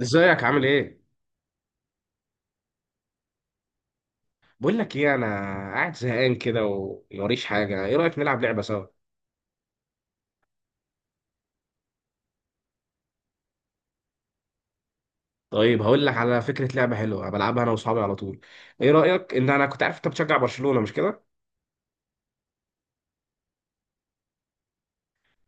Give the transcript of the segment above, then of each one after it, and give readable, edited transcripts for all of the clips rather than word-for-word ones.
ازيك عامل ايه؟ بقول لك ايه، انا قاعد زهقان كده وموريش حاجه. ايه رايك نلعب لعبه سوا؟ طيب، هقول لك على فكره لعبه حلوه بلعبها انا واصحابي على طول. ايه رايك ان انا كنت عارف انت بتشجع برشلونه مش كده؟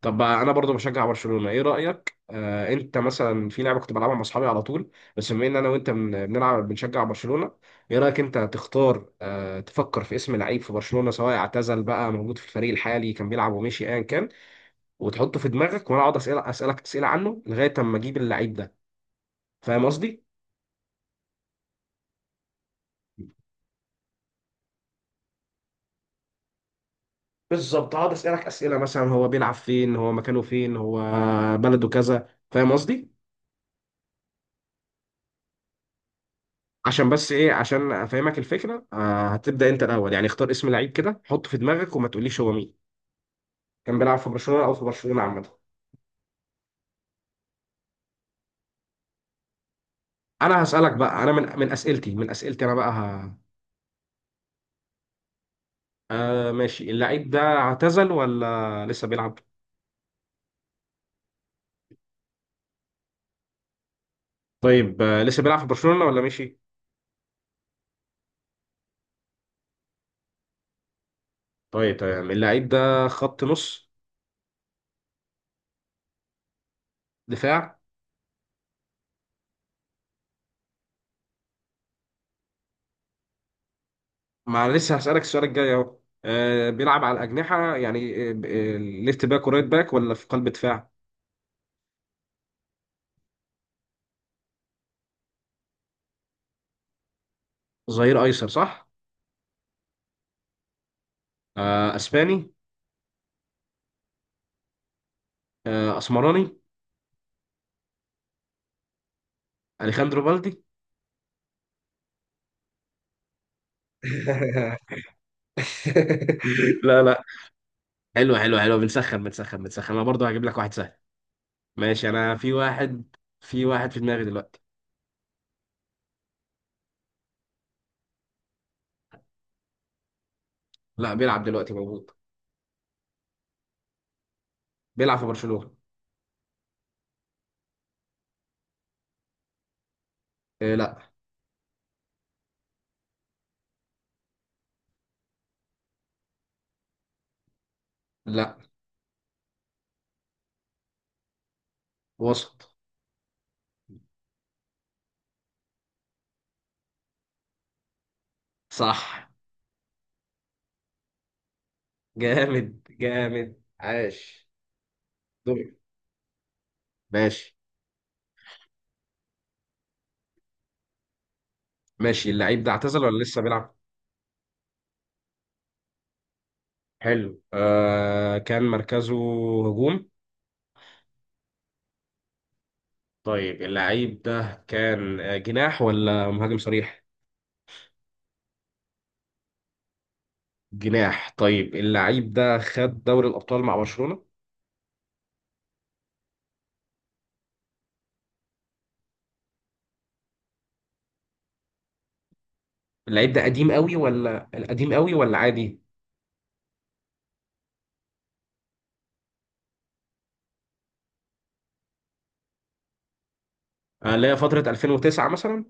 طب بقى انا برضو بشجع برشلونه. ايه رايك انت مثلا في لعبه كنت بلعبها مع اصحابي على طول. بس بما ان انا وانت بنلعب بنشجع برشلونه. ايه رايك انت تختار، تفكر في اسم لعيب في برشلونه، سواء اعتزل بقى موجود في الفريق الحالي كان بيلعب ومشي ايا كان، وتحطه في دماغك وانا اقعد اسالك اسئله عنه لغايه اما اجيب اللعيب ده. فاهم قصدي؟ بالظبط، هقعد اسالك اسئله مثلا هو بيلعب فين، هو مكانه فين، هو بلده كذا. فاهم قصدي؟ عشان بس ايه، عشان افهمك الفكره. هتبدا انت الاول، يعني اختار اسم لعيب كده حطه في دماغك وما تقوليش هو مين، كان بيلعب في برشلونه او في برشلونه عامه. انا هسالك بقى، انا من اسئلتي انا بقى ماشي. اللعيب ده اعتزل ولا لسه بيلعب؟ طيب، لسه بيلعب في برشلونه ولا مشي؟ طيب تمام، اللعيب ده خط نص، دفاع. ما انا لسه هسألك السؤال الجاي اهو. بيلعب على الأجنحة يعني، ليفت باك ورايت باك ولا في قلب دفاع؟ ظهير أيسر، صح. أسباني. أسمراني. أليخاندرو بالدي. لا، لا. حلو حلو حلو، بنسخن بنسخن بنسخن. انا برضه هجيب لك واحد سهل. ماشي، انا في واحد في دماغي دلوقتي. لا، بيلعب دلوقتي، موجود. بيلعب في برشلونة. إيه، لا. لا، وسط. صح. جامد جامد، عاش. دور. ماشي. ماشي، اللعيب ده اعتزل ولا لسه بيلعب؟ حلو، كان مركزه هجوم. طيب، اللعيب ده كان جناح ولا مهاجم صريح؟ جناح. طيب، اللعيب ده خد دوري الأبطال مع برشلونة؟ اللعيب ده قديم قوي ولا عادي؟ لا، فترة 2009 مثلا.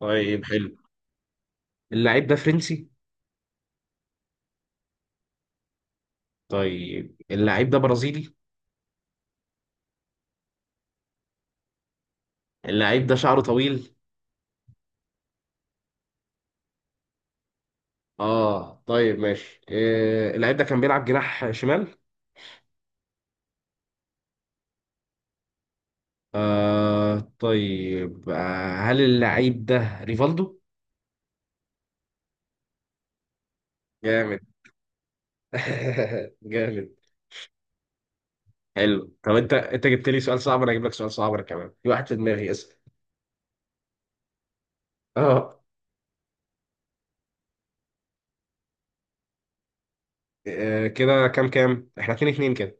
طيب حلو، اللعيب ده فرنسي؟ طيب، اللعيب ده برازيلي؟ اللعيب ده شعره طويل؟ اه طيب ماشي. اللعيب ده كان بيلعب جناح شمال. طيب، هل اللعيب ده ريفالدو؟ جامد. جامد. حلو. طب انت جبت لي سؤال صعب، انا هجيب لك سؤال صعب. أنا كمان في واحد في دماغي، اسال. اه، كده كام كام؟ احنا 2-2 كده.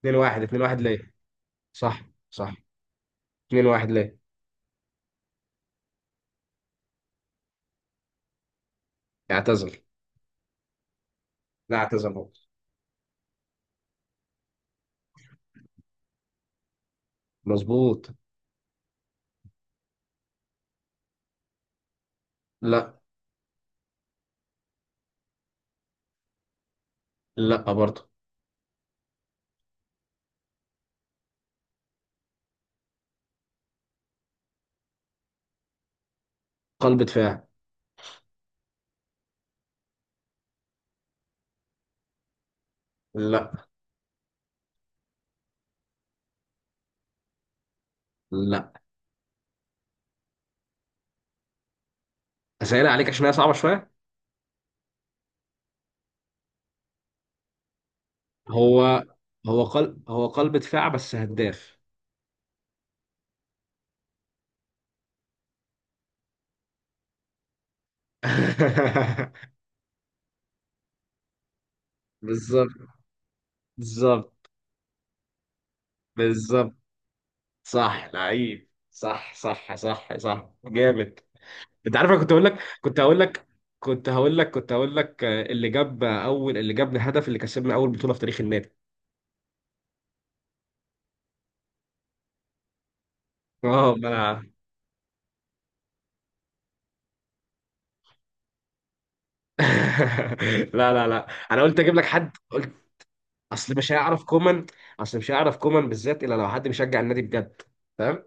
2-1 2-1 ليه؟ صح صح. 2-1 ليه؟ اعتزل. لا، اعتزل هو. مظبوط. لا، لا برضه. قلب دفاع. لا. لا. اسئله عليك عشان هي صعبه شويه. هو هو قلب دفاع بس هداف. بالظبط بالظبط. بالظبط. صح، لعيب، صح صح صح صح، جامد. انت عارف، انا كنت هقول لك كنت هقول لك كنت هقول لك اللي جاب الهدف اللي كسبنا اول بطولة في تاريخ النادي. اه، ما انا. لا لا لا، انا قلت اجيب لك حد قلت. اصل مش هيعرف كومان اصل مش هيعرف كومان بالذات الا لو حد بيشجع النادي بجد. فاهم؟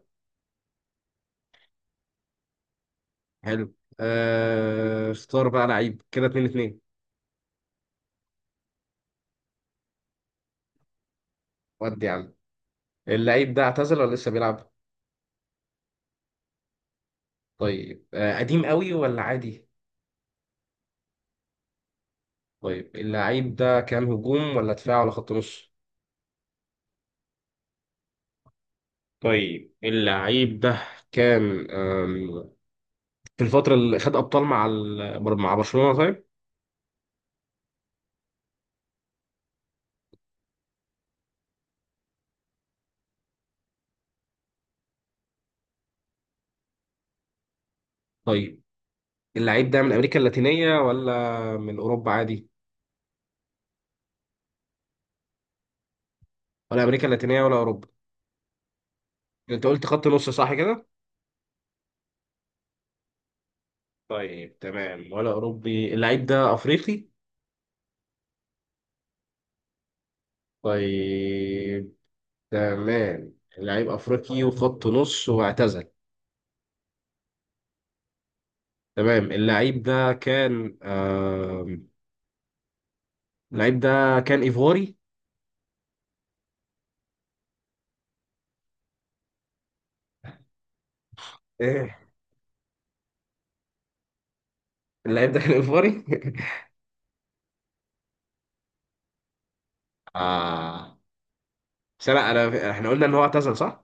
حلو. اختار بقى لعيب كده. 2-2. ودي يا عم. اللعيب ده اعتزل ولا لسه بيلعب؟ طيب، قديم قوي ولا عادي؟ طيب، اللعيب ده كان هجوم ولا دفاع ولا خط نص؟ طيب اللعيب ده كان في الفترة اللي خد أبطال مع مع برشلونة؟ طيب، طيب اللعيب ده من أمريكا اللاتينية ولا من أوروبا عادي؟ ولا أمريكا اللاتينية ولا أوروبا؟ أنت قلت خط نص صح كده. طيب تمام، ولا أوروبي. اللعيب ده أفريقي؟ طيب تمام، اللعيب أفريقي وخط نص واعتزل. تمام. اللعيب ده كان ايفواري. إيه؟ اللعيب ده كان ايفواري. آه بس لا، احنا قلنا ان هو اعتزل صح؟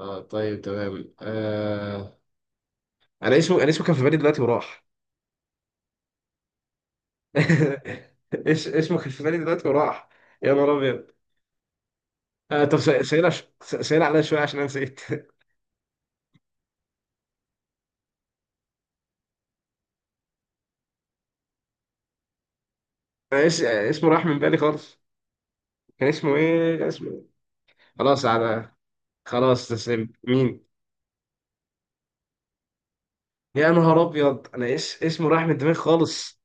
اه طيب تمام. انا اسمه كان في بالي دلوقتي وراح. ايش اسمه، كان في بالي دلوقتي وراح. يا نهار ابيض. طب سهل، سهل عليا شويه عشان انا نسيت. أنا اسمه راح من بالي خالص. كان اسمه إيه؟ خلاص على. خلاص، تسلم مين. يا نهار ابيض، انا اسمه راح من دماغي خالص.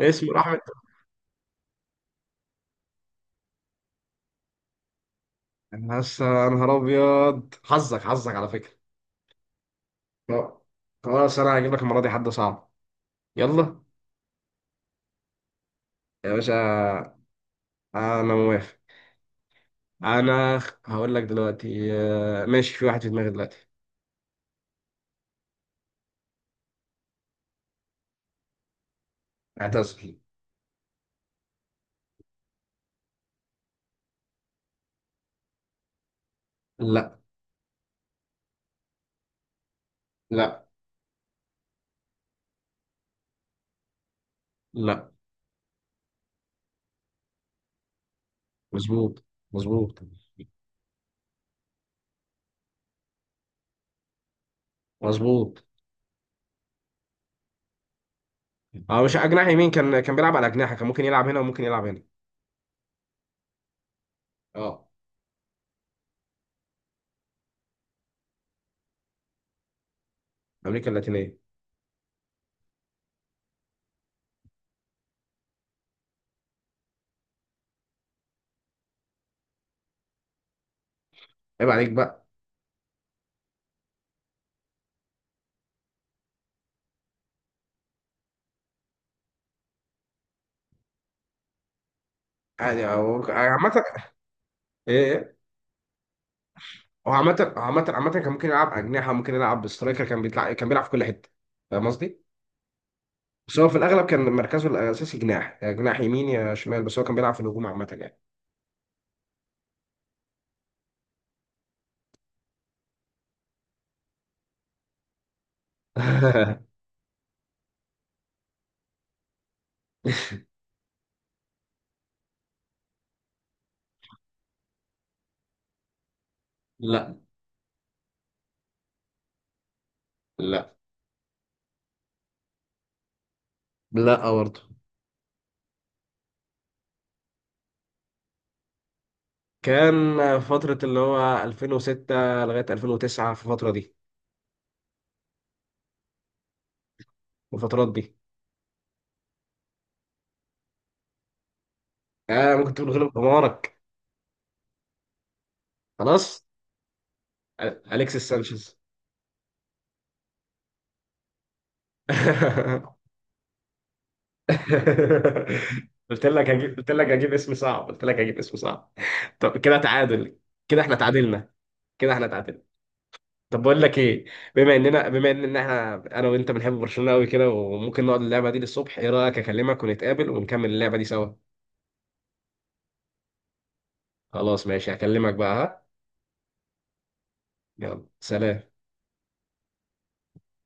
اسمه راح من. انا لسه يا نهار ابيض، حظك حظك على فكره. لا، خلاص انا هجيب لك المره دي حد صعب. يلا. يا باشا، انا موافق. انا هقول لك دلوقتي. ماشي، في واحد في دماغي دلوقتي. اعتزل. لا. لا. لا. مظبوط مظبوط. مظبوط. اه، مش جناح يمين، كان بيلعب على اجنحه، كان ممكن يلعب هنا وممكن يلعب هنا. اه. امريكا اللاتينيه. عيب عليك بقى. يعني عامه. ايه، إيه؟ هو عامة عامة عامة، كان ممكن يلعب أجنحة، ممكن يلعب سترايكر، كان بيطلع كان بيلعب في كل حتة. فاهم قصدي؟ بس هو في الأغلب كان مركزه الأساسي جناح، يا جناح يمين يا شمال، بس هو كان بيلعب في الهجوم عامة يعني. لا لا، لا برضه. كان فترة اللي هو 2006 لغاية 2009، في الفترة دي. الفترات دي. ممكن تقول غلب حمارك. خلاص. أليكسيس سانشيز. قلت لك هجيب اسم صعب، قلت لك هجيب اسم صعب. طب كده تعادل. كده احنا تعادلنا، كده احنا تعادلنا. طب بقول لك ايه، بما ان احنا، انا وانت بنحب برشلونة قوي كده وممكن نقعد اللعبة دي للصبح. ايه رأيك اكلمك ونتقابل ونكمل اللعبة دي سوا؟ خلاص ماشي، هكلمك بقى. ها، يلا سلام.